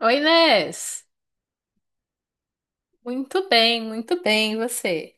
Oi, Inês. Muito bem, e você?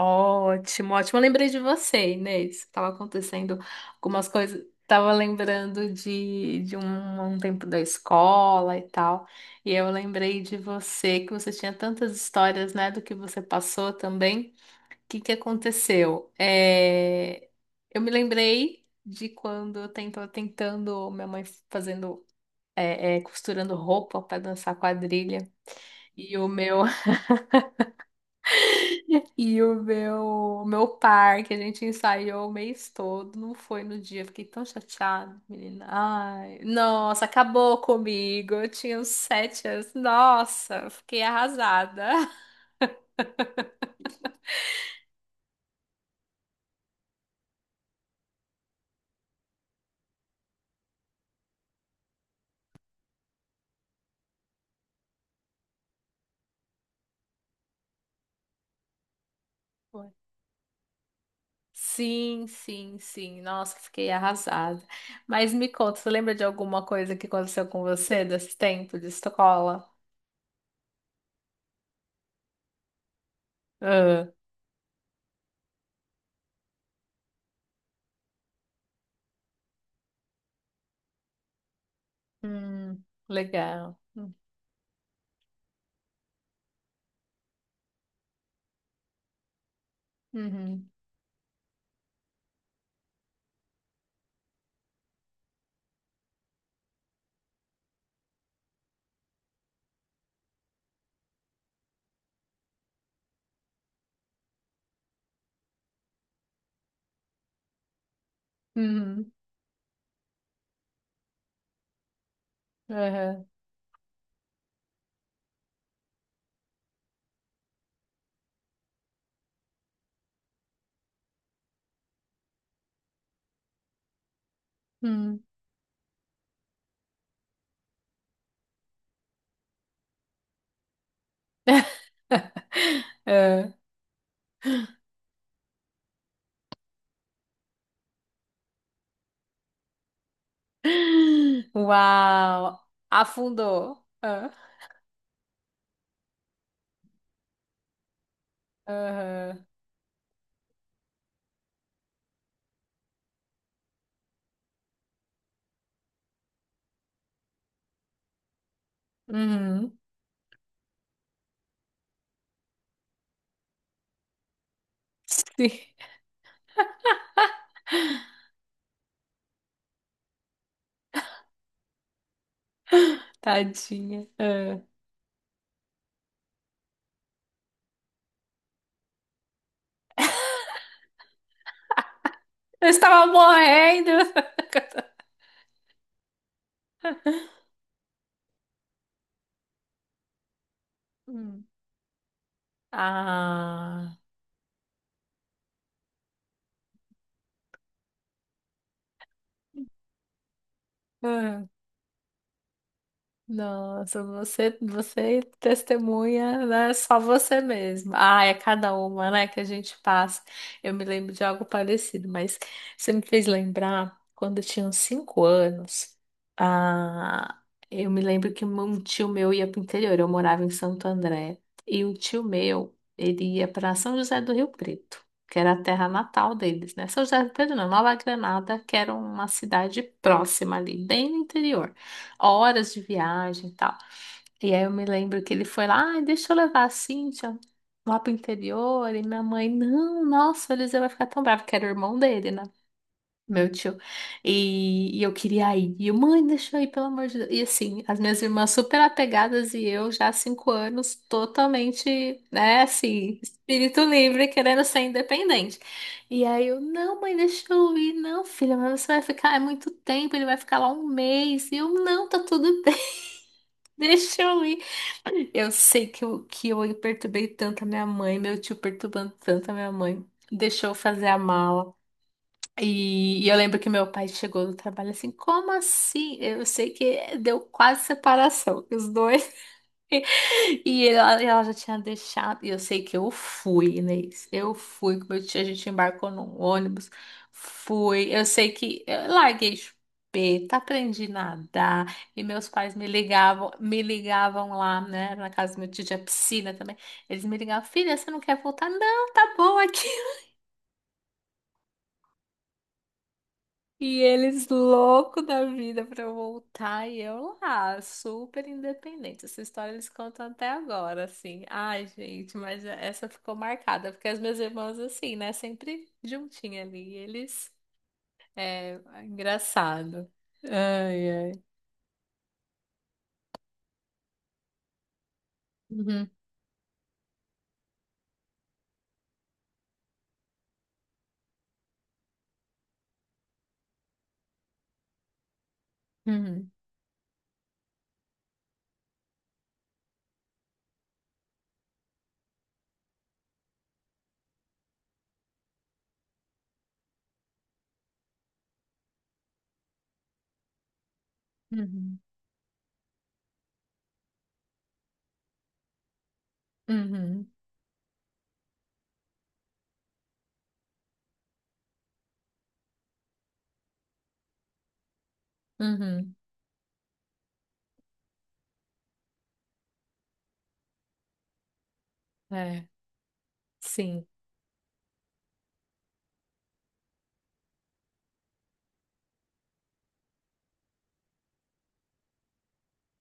Ótimo, ótimo. Eu lembrei de você, Inês. Tava acontecendo algumas coisas. Tava lembrando de um tempo da escola e tal. E eu lembrei de você, que você tinha tantas histórias, né, do que você passou também. O que que aconteceu? Eu me lembrei de quando minha mãe fazendo costurando roupa para dançar quadrilha. E o meu E o meu par que a gente ensaiou o mês todo, não foi no dia, fiquei tão chateada, menina. Ai, nossa, acabou comigo. Eu tinha uns 7 anos. Nossa, eu fiquei arrasada. Foi. Sim, sim, sim. Nossa, fiquei arrasada. Mas me conta, você lembra de alguma coisa que aconteceu com você desse tempo de escola? Ah, hum, legal. Uhum. Uhum. Aham, hum, é. Uau! Afundou. Ah, aham, uhum. Sim, tadinha. Ah. Eu estava morrendo. Hum. Ah. Nossa, você, você testemunha, né? Só você mesma. Ah, é cada uma, né, que a gente passa. Eu me lembro de algo parecido, mas você me fez lembrar quando eu tinha uns 5 anos. Ah, eu me lembro que um tio meu ia para o interior. Eu morava em Santo André e o tio meu ele ia para São José do Rio Preto, que era a terra natal deles, né? São José do Rio Preto, não, Nova Granada, que era uma cidade próxima ali, bem no interior, horas de viagem e tal. E aí eu me lembro que ele foi lá, ah, deixa eu levar a Cíntia lá pro interior. E minha mãe, não, nossa, o Eliseu vai ficar tão bravo, que era o irmão dele, né? Meu tio. E eu queria ir. E eu, mãe, deixa eu ir, pelo amor de Deus. E assim, as minhas irmãs super apegadas e eu já há 5 anos totalmente, né, assim, espírito livre, querendo ser independente. E aí eu, não, mãe, deixa eu ir. Não, filha, mas você vai ficar, é muito tempo, ele vai ficar lá um mês. E eu, não, tá tudo bem. Deixa eu ir. Eu sei que eu perturbei tanto a minha mãe, meu tio perturbando tanto a minha mãe. Deixou eu fazer a mala. E eu lembro que meu pai chegou do trabalho assim, como assim? Eu sei que deu quase separação, os dois. Ela, ela já tinha deixado. E eu sei que eu fui, Inês. Eu fui com meu tio. A gente embarcou num ônibus. Fui. Eu sei que eu larguei chupeta, aprendi a nadar. E meus pais me ligavam lá, né? Na casa do meu tio tinha piscina também. Eles me ligavam, filha, você não quer voltar? Não, tá bom aqui. E eles louco da vida pra eu voltar e eu lá, super independente. Essa história eles contam até agora, assim. Ai, gente, mas essa ficou marcada, porque as minhas irmãs, assim, né, sempre juntinha ali. E eles, é, engraçado. Ai, ai. Uhum, uhum, uhum, uhum, uhum. É, sim.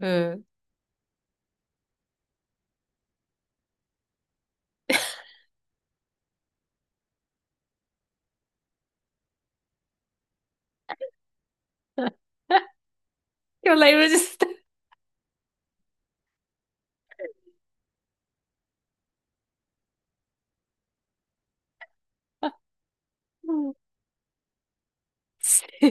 Ah. Eu lembro disso. Sim.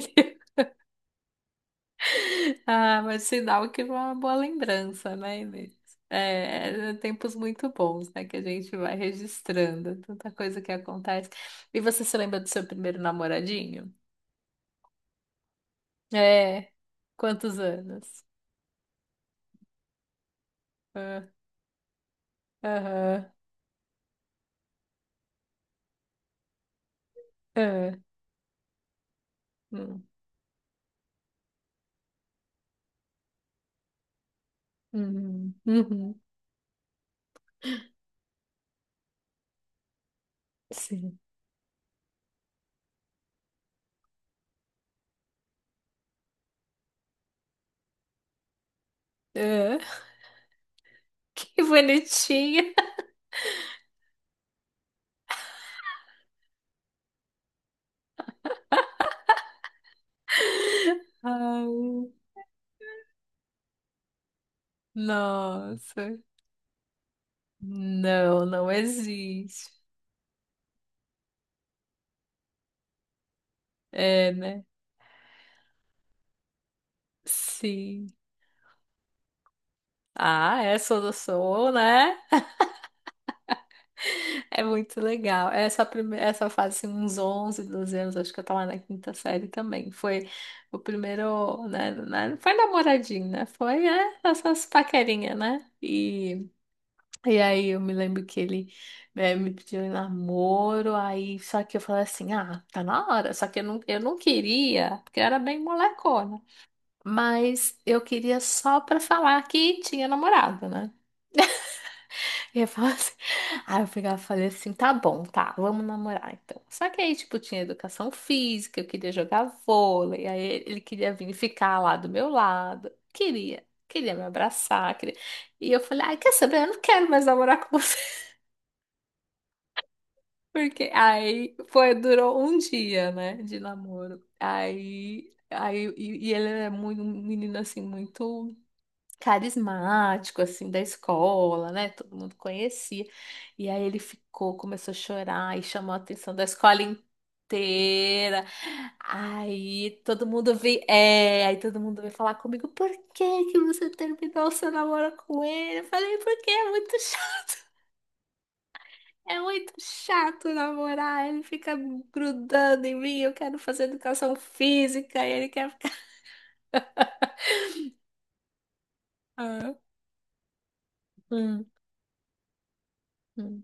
Ah, mas sinal que foi uma boa lembrança, né, Inês? É, é tempos muito bons, né, que a gente vai registrando, tanta coisa que acontece. E você se lembra do seu primeiro namoradinho? É, quantos anos? Ah, aham, ah, hum, uhum, uhum, sim. Ah, que bonitinha! Ai, nossa, não, não existe. É, né? Sim. Ah, é, sou do sou, né? É muito legal. Essa fase, assim, uns 11, 12 anos, acho que eu tava na quinta série também. Foi o primeiro, né? Não foi namoradinho, né? Foi, é, essas paquerinhas, né? E aí eu me lembro que ele me pediu em namoro, aí só que eu falei assim, ah, tá na hora. Só que eu não queria, porque eu era bem molecona. Mas eu queria só pra falar que tinha namorado, né? Eu falava assim- Aí eu pegava e falei assim, tá bom, tá, vamos namorar então. Só que aí, tipo, tinha educação física, eu queria jogar vôlei, aí ele queria vir ficar lá do meu lado, queria me abraçar, queria... E eu falei, ai, quer saber, eu não quero mais namorar com você. Porque aí foi, durou um dia, né, de namoro. E ele é muito, um menino assim, muito carismático, assim, da escola, né? Todo mundo conhecia. E aí ele ficou, começou a chorar e chamou a atenção da escola inteira. Aí todo mundo veio falar comigo, por que que você terminou seu namoro com ele? Eu falei, porque é muito chato. É muito chato namorar, ele fica grudando em mim, eu quero fazer educação física e ele quer ficar. Ah, hum, hum,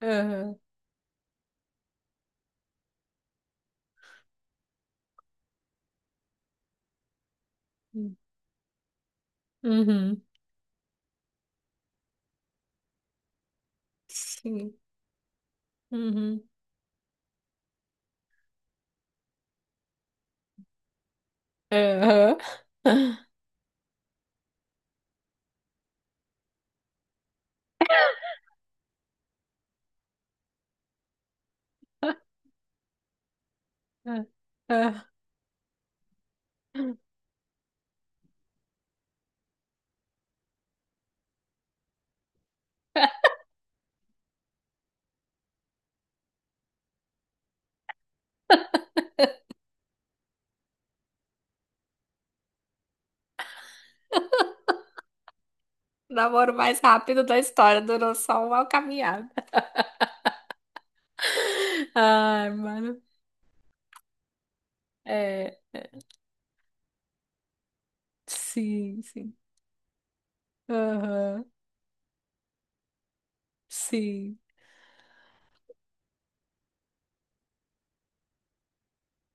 aham, hum, uhum. Sim. Uhum. Aham. Ah, o namoro mais rápido da história durou só uma caminhada. Ai, mano. É, sim, sim. Aham, sim.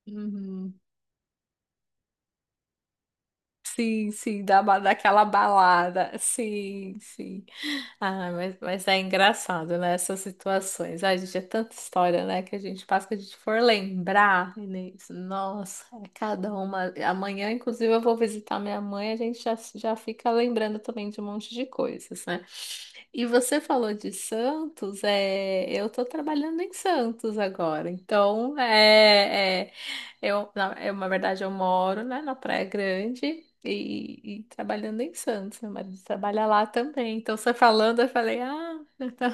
Uhum. Sim, sim, daquela balada. Sim, sim. Mas é engraçado, né? Essas situações. Ai, gente, é tanta história, né? Que a gente passa que a gente for lembrar, Inês. Nossa, é cada uma. Amanhã, inclusive, eu vou visitar minha mãe, a gente já fica lembrando também de um monte de coisas, né? E você falou de Santos, é... eu tô trabalhando em Santos agora, eu, na verdade, eu moro, né, na Praia Grande e trabalhando em Santos. Meu marido trabalha lá também. Então, você falando, eu falei, ah, então...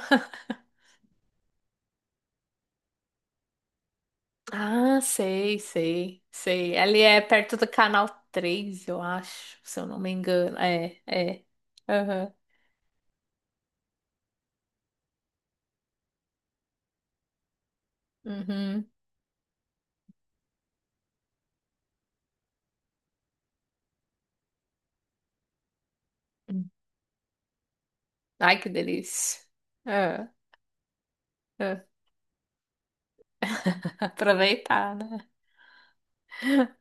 Ah, sei, sei, sei. Ali é perto do Canal 3 eu acho, se eu não me engano. É, é. Aham. Uhum. Ai, que delícia. Ah, ah. Aproveitar, né?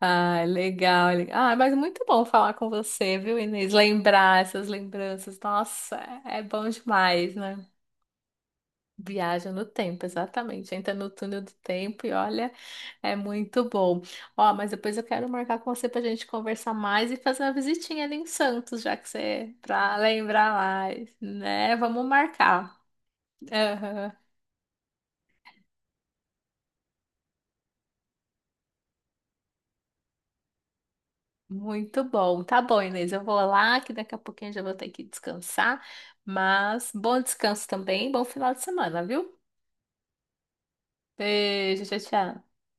Ah, legal, legal. Ah, mas muito bom falar com você, viu, Inês? Lembrar essas lembranças. Nossa, é é bom demais, né? Viaja no tempo, exatamente. Entra no túnel do tempo e olha, é muito bom. Ó, mas depois eu quero marcar com você pra gente conversar mais e fazer uma visitinha ali em Santos, já que você, é pra lembrar mais, né? Vamos marcar. Aham. Muito bom. Tá bom, Inês. Eu vou lá, que daqui a pouquinho eu já vou ter que descansar. Mas bom descanso também, bom final de semana, viu? Beijo, tchau, tchau.